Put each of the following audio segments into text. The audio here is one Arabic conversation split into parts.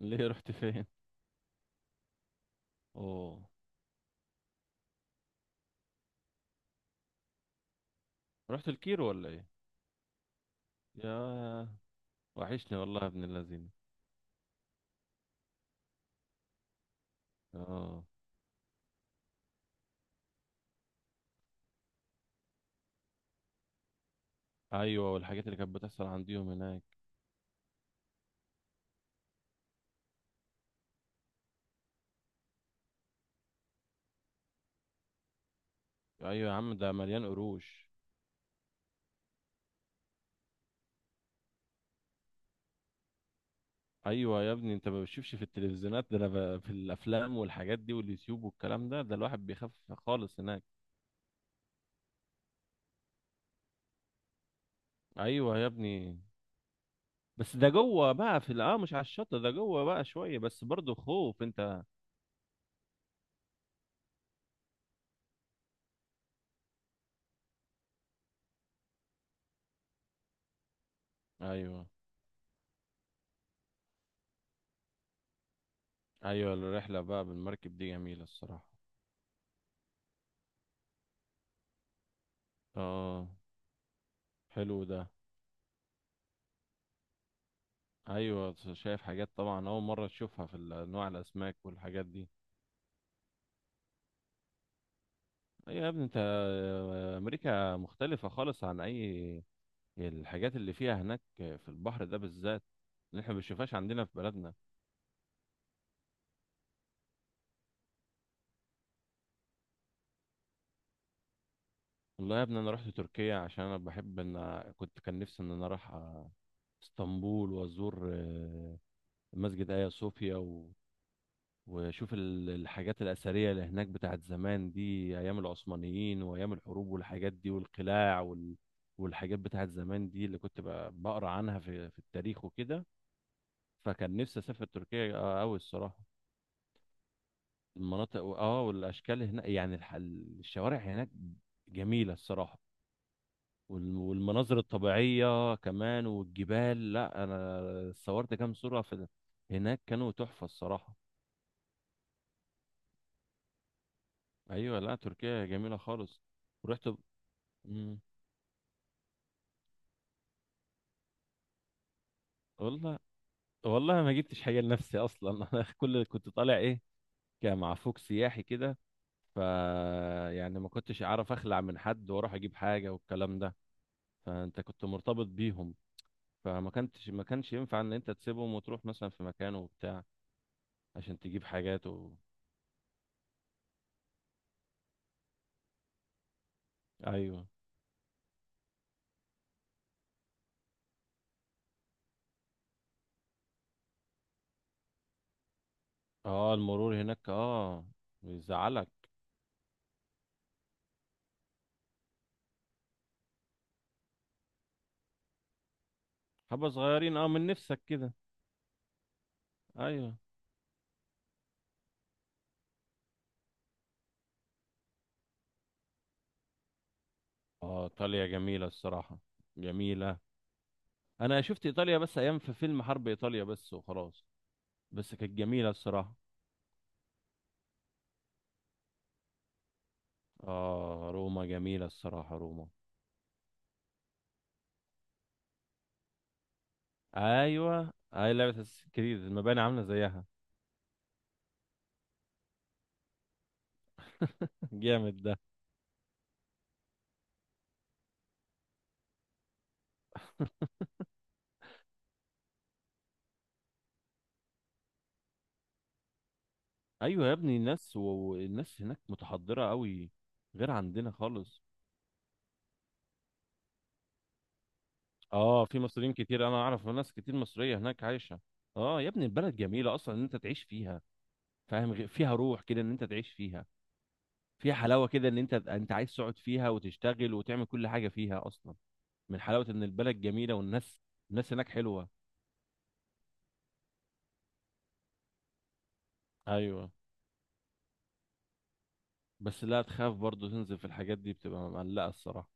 ليه رحت فين؟ اوه. رحت الكيرو ولا ايه؟ يا وحشني والله يا ابن اللذين. اه. ايوه، والحاجات اللي كانت بتحصل عنديهم هناك. ايوه يا عم، ده مليان قروش. ايوه يا ابني، انت ما بتشوفش في التلفزيونات، ده انا في الافلام والحاجات دي واليوتيوب والكلام ده الواحد بيخاف خالص هناك. ايوه يا ابني، بس ده جوه بقى في مش على الشط، ده جوه بقى شويه بس برضه خوف انت. ايوه. ايوه، الرحله بقى بالمركب دي جميله الصراحه. اه. حلو ده. ايوه، شايف حاجات طبعا اول مره تشوفها في انواع الاسماك والحاجات دي. ايوه يا ابني، انت امريكا مختلفه خالص عن اي الحاجات اللي فيها هناك في البحر ده بالذات، اللي احنا ما بنشوفهاش عندنا في بلدنا. والله يا ابني، انا رحت تركيا عشان انا بحب ان كان نفسي ان انا اروح اسطنبول، وازور مسجد ايا صوفيا، وشوف الحاجات الأثرية اللي هناك بتاعت زمان دي، أيام العثمانيين وأيام الحروب والحاجات دي والقلاع والحاجات بتاعت زمان دي اللي كنت بقرا عنها في التاريخ وكده. فكان نفسي أسافر تركيا أوي الصراحة. المناطق والأشكال هناك يعني الشوارع هناك جميلة الصراحة. والمناظر الطبيعية كمان والجبال. لا، أنا صورت كام صورة في هناك كانوا تحفة الصراحة. أيوة، لا تركيا جميلة خالص. ورحت. مم. والله. والله ما جبتش حاجه لنفسي اصلا. انا كل اللي كنت طالع ايه، كان مع فوق سياحي كده. ف يعني ما كنتش اعرف اخلع من حد واروح اجيب حاجه والكلام ده. فانت كنت مرتبط بيهم، فما كنتش ما كانش ينفع ان انت تسيبهم وتروح مثلا في مكان وبتاع عشان تجيب حاجات و... ايوه. اه، المرور هناك، اه، بيزعلك. حبه صغيرين، من نفسك كده. ايوه. اه، ايطاليا جميله الصراحه، جميله. انا شفت ايطاليا بس ايام في فيلم حرب ايطاليا بس وخلاص. بس كانت جميلة الصراحة. اه، روما جميلة الصراحة، روما. ايوه، اي لعبة اساس كتير المباني عاملة زيها. جامد ده. ايوه يا ابني، الناس هناك متحضرة قوي، غير عندنا خالص. اه، في مصريين كتير، انا اعرف ناس كتير مصرية هناك عايشة. اه يا ابني، البلد جميلة اصلا ان انت تعيش فيها. فاهم، فيها روح كده ان انت تعيش فيها، فيها حلاوة كده ان انت عايز تقعد فيها وتشتغل وتعمل كل حاجة فيها اصلا، من حلاوة ان البلد جميلة والناس، الناس هناك حلوة. ايوه. بس لا تخاف برضو تنزل في الحاجات دي، بتبقى مقلقة الصراحة.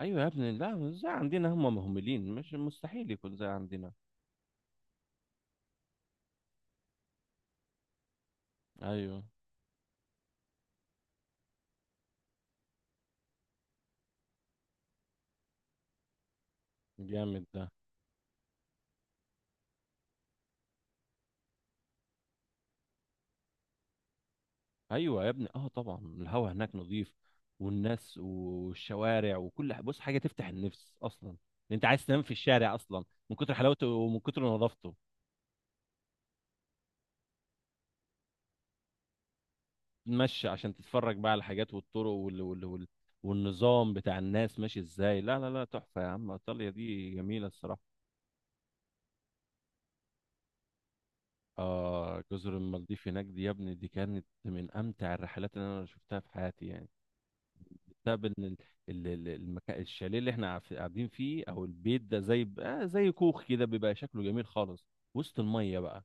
ايوه يا ابني، لا مش زي عندنا، هم مهملين، مش مستحيل يكون زي عندنا. ايوه، جامد ده. ايوه يا ابني، طبعا الهوا هناك نظيف، والناس والشوارع وكل بص حاجة تفتح النفس اصلا. انت عايز تنام في الشارع اصلا من كتر حلاوته ومن كتر نظافته. تمشي عشان تتفرج بقى على الحاجات والطرق والنظام بتاع الناس ماشي ازاي. لا لا لا، تحفة يا عم، ايطاليا دي جميلة الصراحة. اه، جزر المالديف هناك دي يا ابني، دي كانت من امتع الرحلات اللي انا شفتها في حياتي يعني. بسبب ان ال- ال- ال- المكان الشاليه اللي احنا قاعدين فيه، او البيت ده زي زي كوخ كده بيبقى شكله جميل خالص، وسط الميه بقى.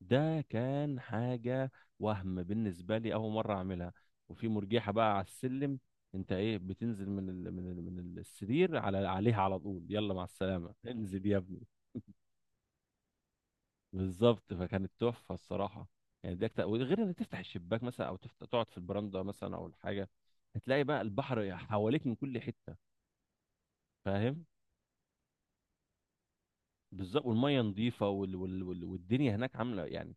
ده كان حاجه، وهم بالنسبه لي اول مره اعملها. وفي مرجحه بقى على السلم. انت ايه، بتنزل من السرير عليها على طول، يلا مع السلامه انزل يا ابني. بالظبط، فكانت تحفه الصراحه. يعني دي أكتر، وغير انك تفتح الشباك مثلا او تقعد في البراندة مثلا او الحاجه، هتلاقي بقى البحر حواليك من كل حته. فاهم. بالظبط، والميه نظيفه والدنيا هناك عامله يعني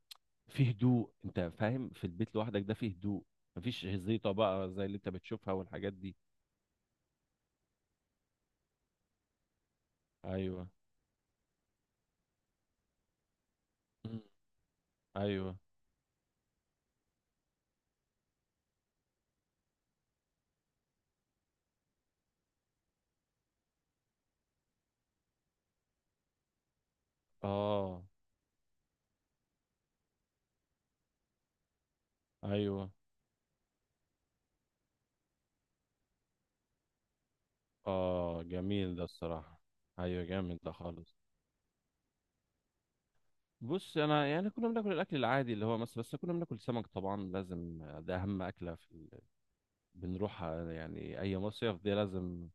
في هدوء، انت فاهم، في البيت لوحدك ده فيه هدوء، مفيش زيطه بقى زي اللي انت بتشوفها والحاجات دي. ايوه. مم. ايوه. اه. ايوه. اه، جميل ده الصراحه. ايوه، جامد ده خالص. بص، انا يعني كنا بناكل الاكل العادي اللي هو مصر، بس كنا بناكل سمك طبعا لازم، ده اهم اكله في بنروح يعني اي مصيف ده لازم.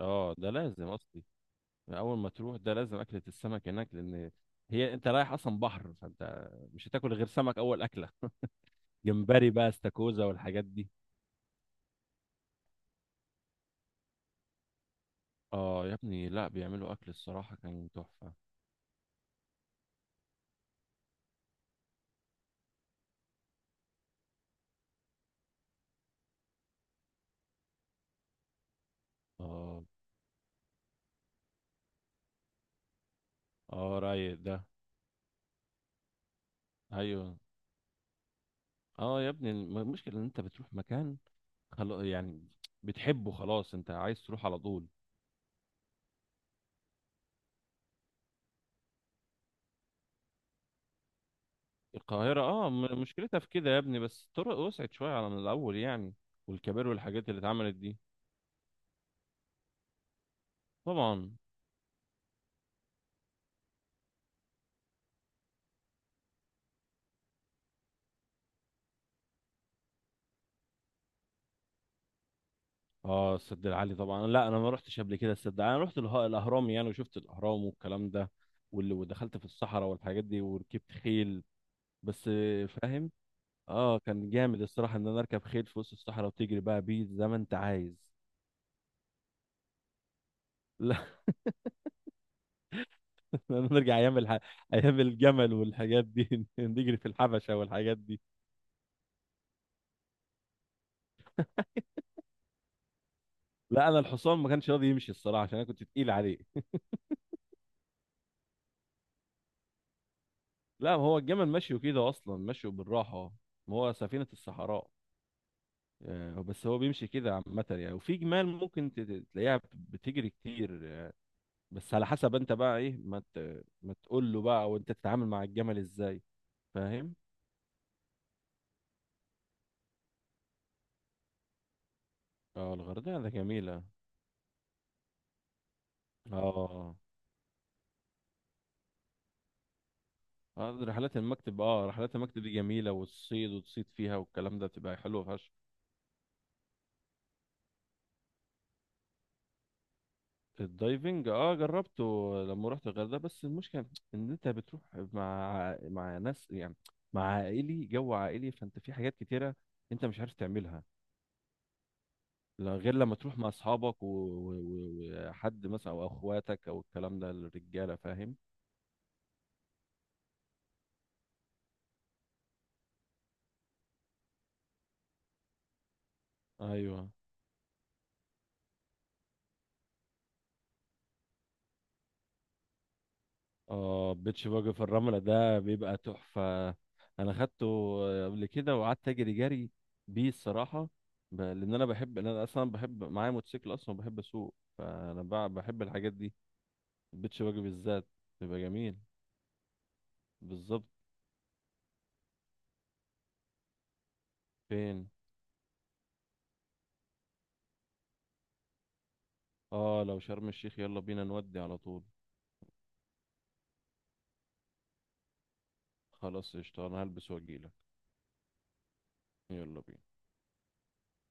اه، ده لازم اصلي، اول ما تروح ده لازم اكله السمك هناك، لان هي انت رايح اصلا بحر فانت مش هتاكل غير سمك اول اكله. جمبري بقى، استاكوزا والحاجات دي. اه يا ابني، لا بيعملوا اكل، الصراحه كان تحفه. اه. اه، رايق ده. ايوه. اه يا ابني، المشكله ان انت بتروح مكان، خلاص يعني بتحبه، خلاص انت عايز تروح على طول. القاهرة مشكلتها في كده يا ابني، بس الطرق وسعت شوية على من الأول يعني، والكباري والحاجات اللي اتعملت دي. طبعا. اه، السد العالي طبعا، لا انا ما رحتش قبل كده السد العالي. انا رحت الاهرام يعني، وشفت الاهرام والكلام ده، ودخلت في الصحراء والحاجات دي، وركبت خيل. بس فاهم. اه، كان جامد الصراحة ان انا اركب خيل في وسط الصحراء وتجري بقى بيه زي ما انت عايز. نرجع ايام ايام الجمل والحاجات دي. نجري في الحبشه والحاجات دي. لا، انا الحصان ما كانش راضي يمشي الصراحه عشان انا كنت تقيل عليه. لا، هو الجمل ماشي كده اصلا، ماشي بالراحه، ما هو سفينه الصحراء. بس هو بيمشي كده عامه يعني، وفي جمال ممكن تلاقيها بتجري كتير، بس على حسب انت بقى ايه ما تقول له بقى، وانت تتعامل مع الجمل ازاي. فاهم. اه، الغردقه ده جميله. اه. رحلات المكتب، رحلات المكتب دي جميلة، والصيد وتصيد فيها والكلام ده بتبقى حلوة فشخ. الدايفنج، جربته لما رحت الغردقة. بس المشكلة ان انت بتروح مع ناس يعني، مع عائلي جو عائلي، فانت في حاجات كتيرة انت مش عارف تعملها. لا، غير لما تروح مع اصحابك وحد مثلا او اخواتك او الكلام ده، الرجالة فاهم. ايوه. اه، بيتش باجي في الرملة ده بيبقى تحفة. انا خدته قبل كده، وقعدت اجري جري بيه الصراحة. لان انا بحب، لأن انا اصلا بحب معايا موتوسيكل اصلا وبحب اسوق، فانا بحب الحاجات دي، البيتش باجي بالذات بيبقى جميل. بالظبط. فين؟ اه، لو شرم الشيخ، يلا بينا نودي على طول. خلاص، قشطة، انا هلبس واجيلك. يلا بينا.